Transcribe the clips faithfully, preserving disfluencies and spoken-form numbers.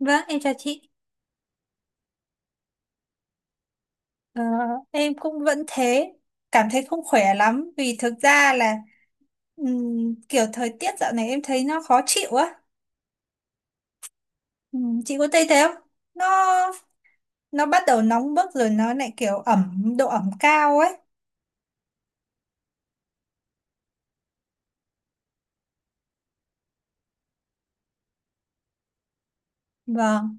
Vâng, em chào chị. Ờ, em cũng vẫn thế, cảm thấy không khỏe lắm vì thực ra là ừm, kiểu thời tiết dạo này em thấy nó khó chịu á. Ừm, chị có thấy thế không? Nó nó bắt đầu nóng bức rồi nó lại kiểu ẩm độ ẩm cao ấy. Vâng,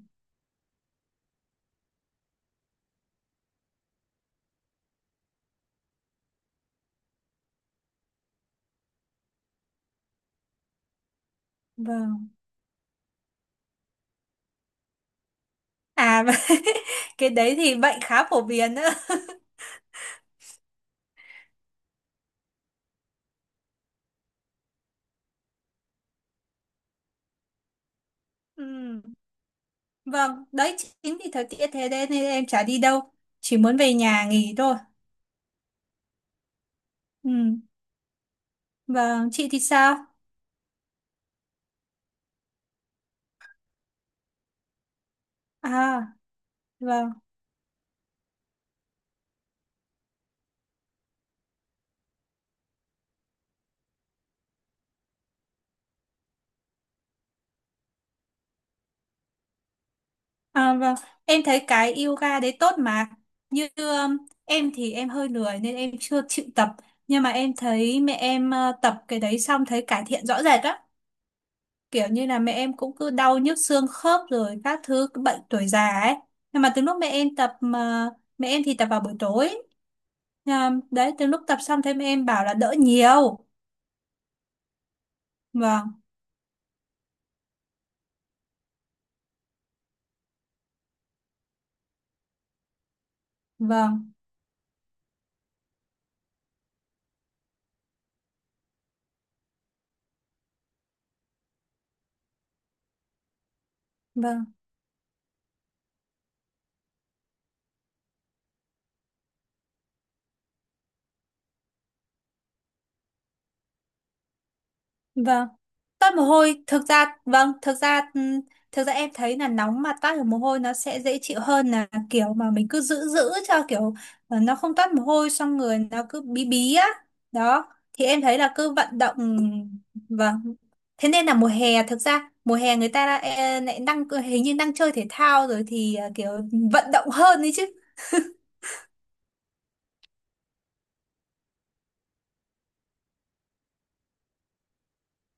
vâng. À và cái đấy thì bệnh khá phổ biến nữa. Ừm, Vâng, đấy chính vì thời tiết thế đấy nên em chả đi đâu, chỉ muốn về nhà nghỉ thôi. Ừm, Vâng, chị thì sao? À, vâng. À, vâng, em thấy cái yoga đấy tốt mà. Như um, em thì em hơi lười nên em chưa chịu tập. Nhưng mà em thấy mẹ em ờ, tập cái đấy xong thấy cải thiện rõ rệt á. Kiểu như là mẹ em cũng cứ đau nhức xương khớp rồi các thứ cái bệnh tuổi già ấy. Nhưng mà từ lúc mẹ em tập mà mẹ em thì tập vào buổi tối. À, đấy, từ lúc tập xong thấy mẹ em bảo là đỡ nhiều. Vâng, vâng, vâng, vâng. Toát mồ hôi, thực ra, vâng, thực ra ừm, thực ra em thấy là nóng mà toát được mồ hôi nó sẽ dễ chịu hơn là kiểu mà mình cứ giữ giữ cho kiểu ờ, nó không toát mồ hôi xong người nó cứ bí bí á. Đó thì em thấy là cứ vận động, vâng, thế nên là mùa hè, thực ra mùa hè người ta đã, e, lại đang hình như đang chơi thể thao rồi thì ờ, kiểu vận động hơn đấy chứ.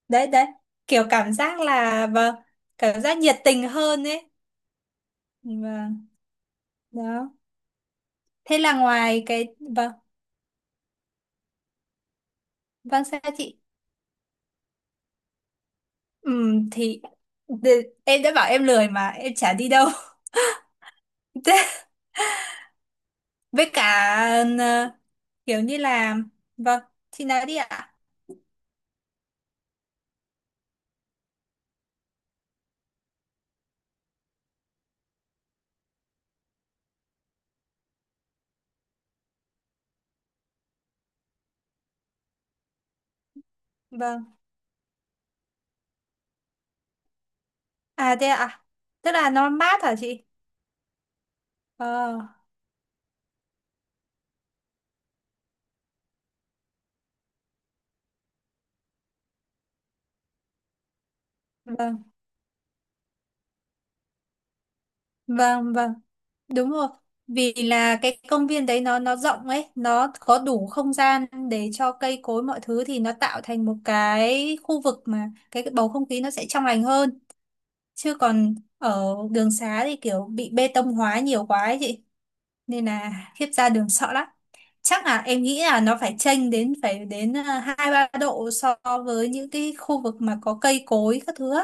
Đấy đấy, kiểu cảm giác là, vâng, cảm giác nhiệt tình hơn ấy. Vâng, đó, thế là ngoài cái, vâng. Vâng, sao chị? Ừm, thì đ- em đã bảo em lười mà em chả đi đâu. Thế, với cả, ờ, kiểu như là, vâng, chị nói đi ạ. Vâng. À, thế ạ. Tức là nó mát hả chị? Ờ, vâng, vâng, vâng, đúng rồi. Vì là cái công viên đấy nó nó rộng ấy, nó có đủ không gian để cho cây cối mọi thứ thì nó tạo thành một cái khu vực mà cái bầu không khí nó sẽ trong lành hơn. Chứ còn ở đường xá thì kiểu bị bê tông hóa nhiều quá ấy chị, nên là khiếp ra đường sợ lắm. Chắc là em nghĩ là nó phải chênh đến, phải đến ờ, hai ba độ so với những cái khu vực mà có cây cối các thứ á.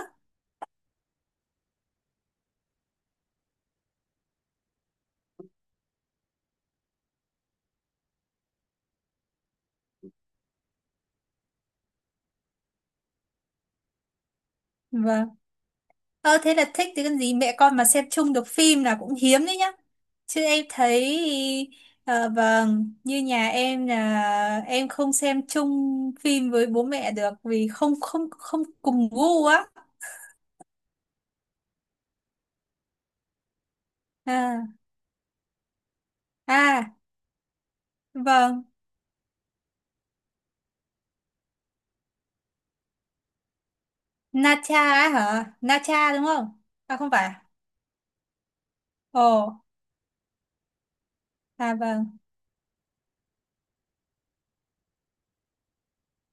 Vâng. Ờ, thế là thích thì cần gì, mẹ con mà xem chung được phim là cũng hiếm đấy nhá. Chứ em thấy ờ, vâng, như nhà em là em không xem chung phim với bố mẹ được vì không không không cùng gu á. À, à, vâng. Nacha á hả? Nacha đúng không? À không phải à? Ồ. À, vâng.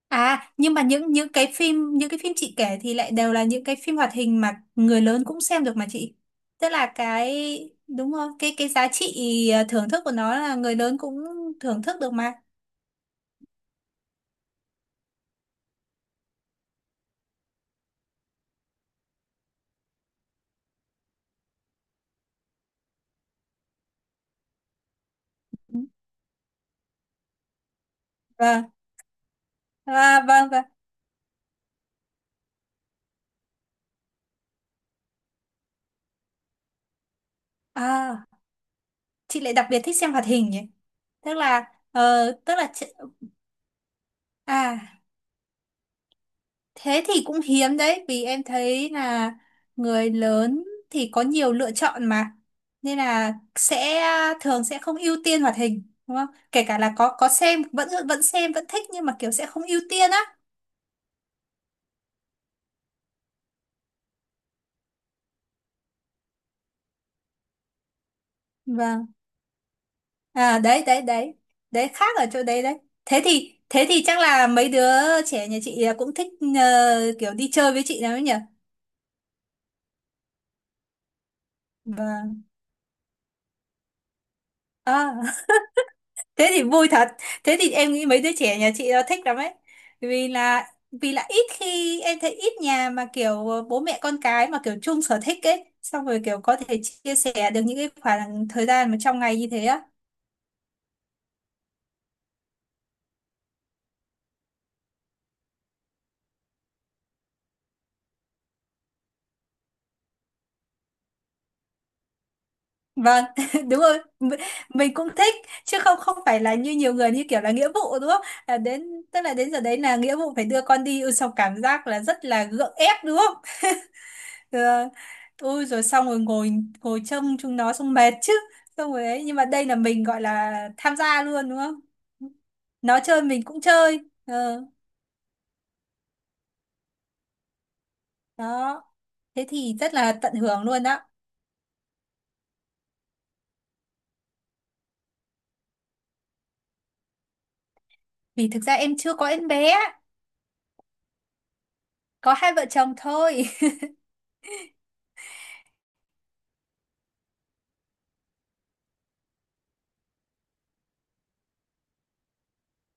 À, nhưng mà những những cái phim những cái phim chị kể thì lại đều là những cái phim hoạt hình mà người lớn cũng xem được mà chị. Tức là cái, đúng không? Cái cái giá trị ờ, thưởng thức của nó là người lớn cũng thưởng thức được mà. Vâng. À, vâng, vâng. À, chị lại đặc biệt thích xem hoạt hình nhỉ? Tức là, ờ, tức là chị, à. Thế thì cũng hiếm đấy vì em thấy là người lớn thì có nhiều lựa chọn mà, nên là sẽ thường sẽ không ưu tiên hoạt hình đúng không? Kể cả là có có xem vẫn vẫn xem vẫn thích nhưng mà kiểu sẽ không ưu tiên á. Vâng. À, đấy đấy đấy. Đấy khác ở chỗ đấy đấy. Thế thì thế thì chắc là mấy đứa trẻ nhà chị à, cũng thích ờ, kiểu đi chơi với chị nào ấy nhỉ? Vâng. À. Thế thì vui thật, thế thì em nghĩ mấy đứa trẻ nhà chị nó thích lắm ấy, vì là vì là ít khi em thấy ít nhà mà kiểu ờ, bố mẹ con cái mà kiểu chung sở thích ấy, xong rồi kiểu có thể chia sẻ được những cái khoảng thời gian mà trong ngày như thế á. Vâng. Đúng rồi. M- mình cũng thích, chứ không không phải là như nhiều người như kiểu là nghĩa vụ đúng không? À, đến tức là đến giờ đấy là nghĩa vụ phải đưa con đi. Ôi, xong cảm giác là rất là gượng ép đúng không? Thế là, rồi xong rồi ngồi ngồi trông chúng nó xong mệt chứ. Xong rồi đấy nhưng mà đây là mình gọi là tham gia luôn đúng không? Nó chơi mình cũng chơi. Ờ, đó. Thế thì rất là tận hưởng luôn đó. Vì thực ra em chưa có em bé, có hai vợ chồng thôi.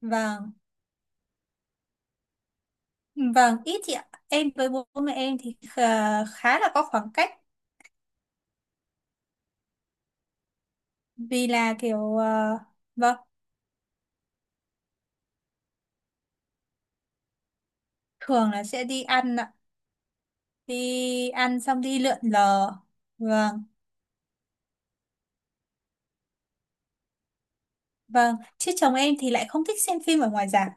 Vâng, vâng, ít chị ạ, em với bố mẹ em thì khá, khá là có khoảng cách. Vì là kiểu ờ, vâng, thường là sẽ đi ăn ạ, đi ăn xong đi lượn lờ. Vâng. Vâng, chứ chồng em thì lại không thích xem phim ở ngoài rạp.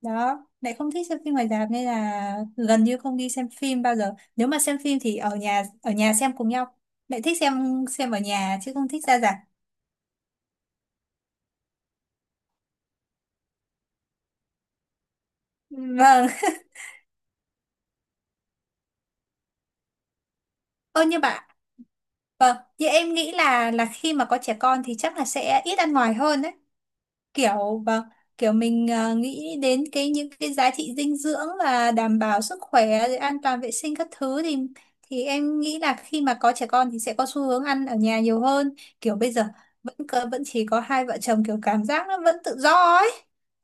Đó, lại không thích xem phim ngoài rạp nên là gần như không đi xem phim bao giờ. Nếu mà xem phim thì ở nhà, ở nhà xem cùng nhau. Lại thích xem xem ở nhà chứ không thích ra rạp. Vâng. Ơ như bạn, vâng, như em nghĩ là là khi mà có trẻ con thì chắc là sẽ ít ăn ngoài hơn đấy. Kiểu, vâng, kiểu mình ờ, nghĩ đến cái những cái giá trị dinh dưỡng và đảm bảo sức khỏe rồi an toàn vệ sinh các thứ thì thì em nghĩ là khi mà có trẻ con thì sẽ có xu hướng ăn ở nhà nhiều hơn. Kiểu bây giờ vẫn cơ- vẫn chỉ có hai vợ chồng, kiểu cảm giác nó vẫn tự do ấy,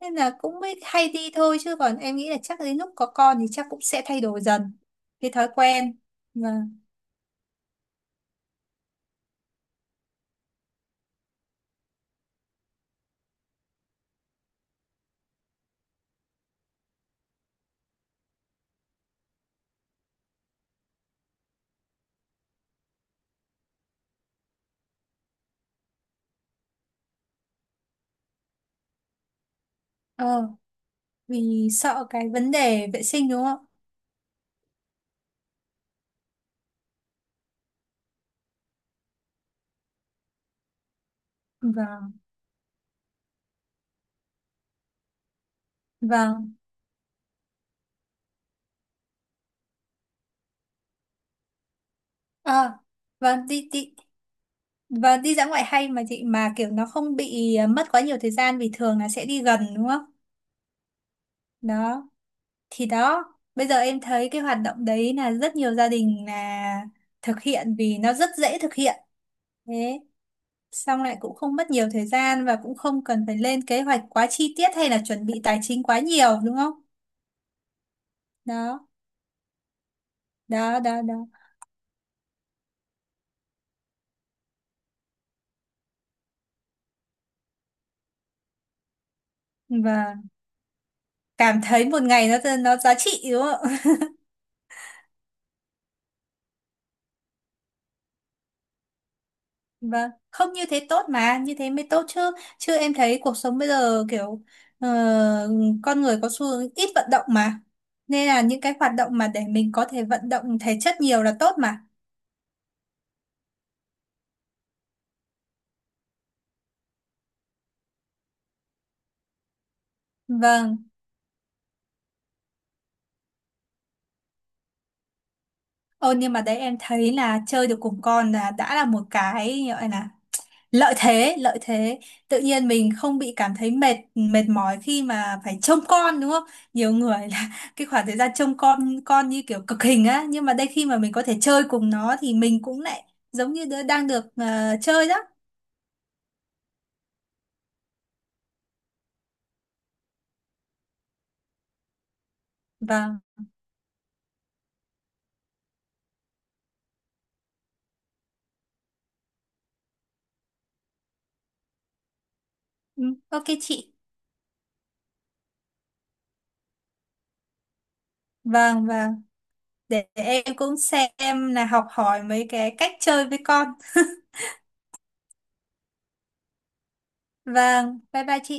nên là cũng mới hay đi thôi chứ còn em nghĩ là chắc đến lúc có con thì chắc cũng sẽ thay đổi dần cái thói quen. Vâng. Ờ, vì sợ cái vấn đề vệ sinh đúng không? Vâng, vâng. Ờ, vâng, đi, đi. Vâng, đi dã ngoại hay mà chị, mà kiểu nó không bị à, mất quá nhiều thời gian vì thường là sẽ đi gần đúng không? Đó, thì đó, bây giờ em thấy cái hoạt động đấy là rất nhiều gia đình là thực hiện vì nó rất dễ thực hiện. Thế, xong lại cũng không mất nhiều thời gian và cũng không cần phải lên kế hoạch quá chi tiết hay là chuẩn bị tài chính quá nhiều đúng không? Đó, đó, đó, đó. Và cảm thấy một ngày nó nó giá trị đúng không? Vâng, không, như thế tốt mà, như thế mới tốt chứ. Chứ em thấy cuộc sống bây giờ kiểu ờ, con người có xu hướng ít vận động mà. Nên là những cái hoạt động mà để mình có thể vận động thể chất nhiều là tốt mà. Vâng, ô nhưng mà đấy em thấy là chơi được cùng con là đã là một cái gọi là lợi thế, lợi thế tự nhiên mình không bị cảm thấy mệt mệt mỏi khi mà phải trông con đúng không? Nhiều người là cái khoảng thời gian trông con con như kiểu cực hình á, nhưng mà đây khi mà mình có thể chơi cùng nó thì mình cũng lại giống như đứa đang được ờ, chơi đó. Vâng. Ừ, ok chị. Vâng, vâng, để em cũng xem là học hỏi mấy cái cách chơi với con. Vâng, bye bye chị.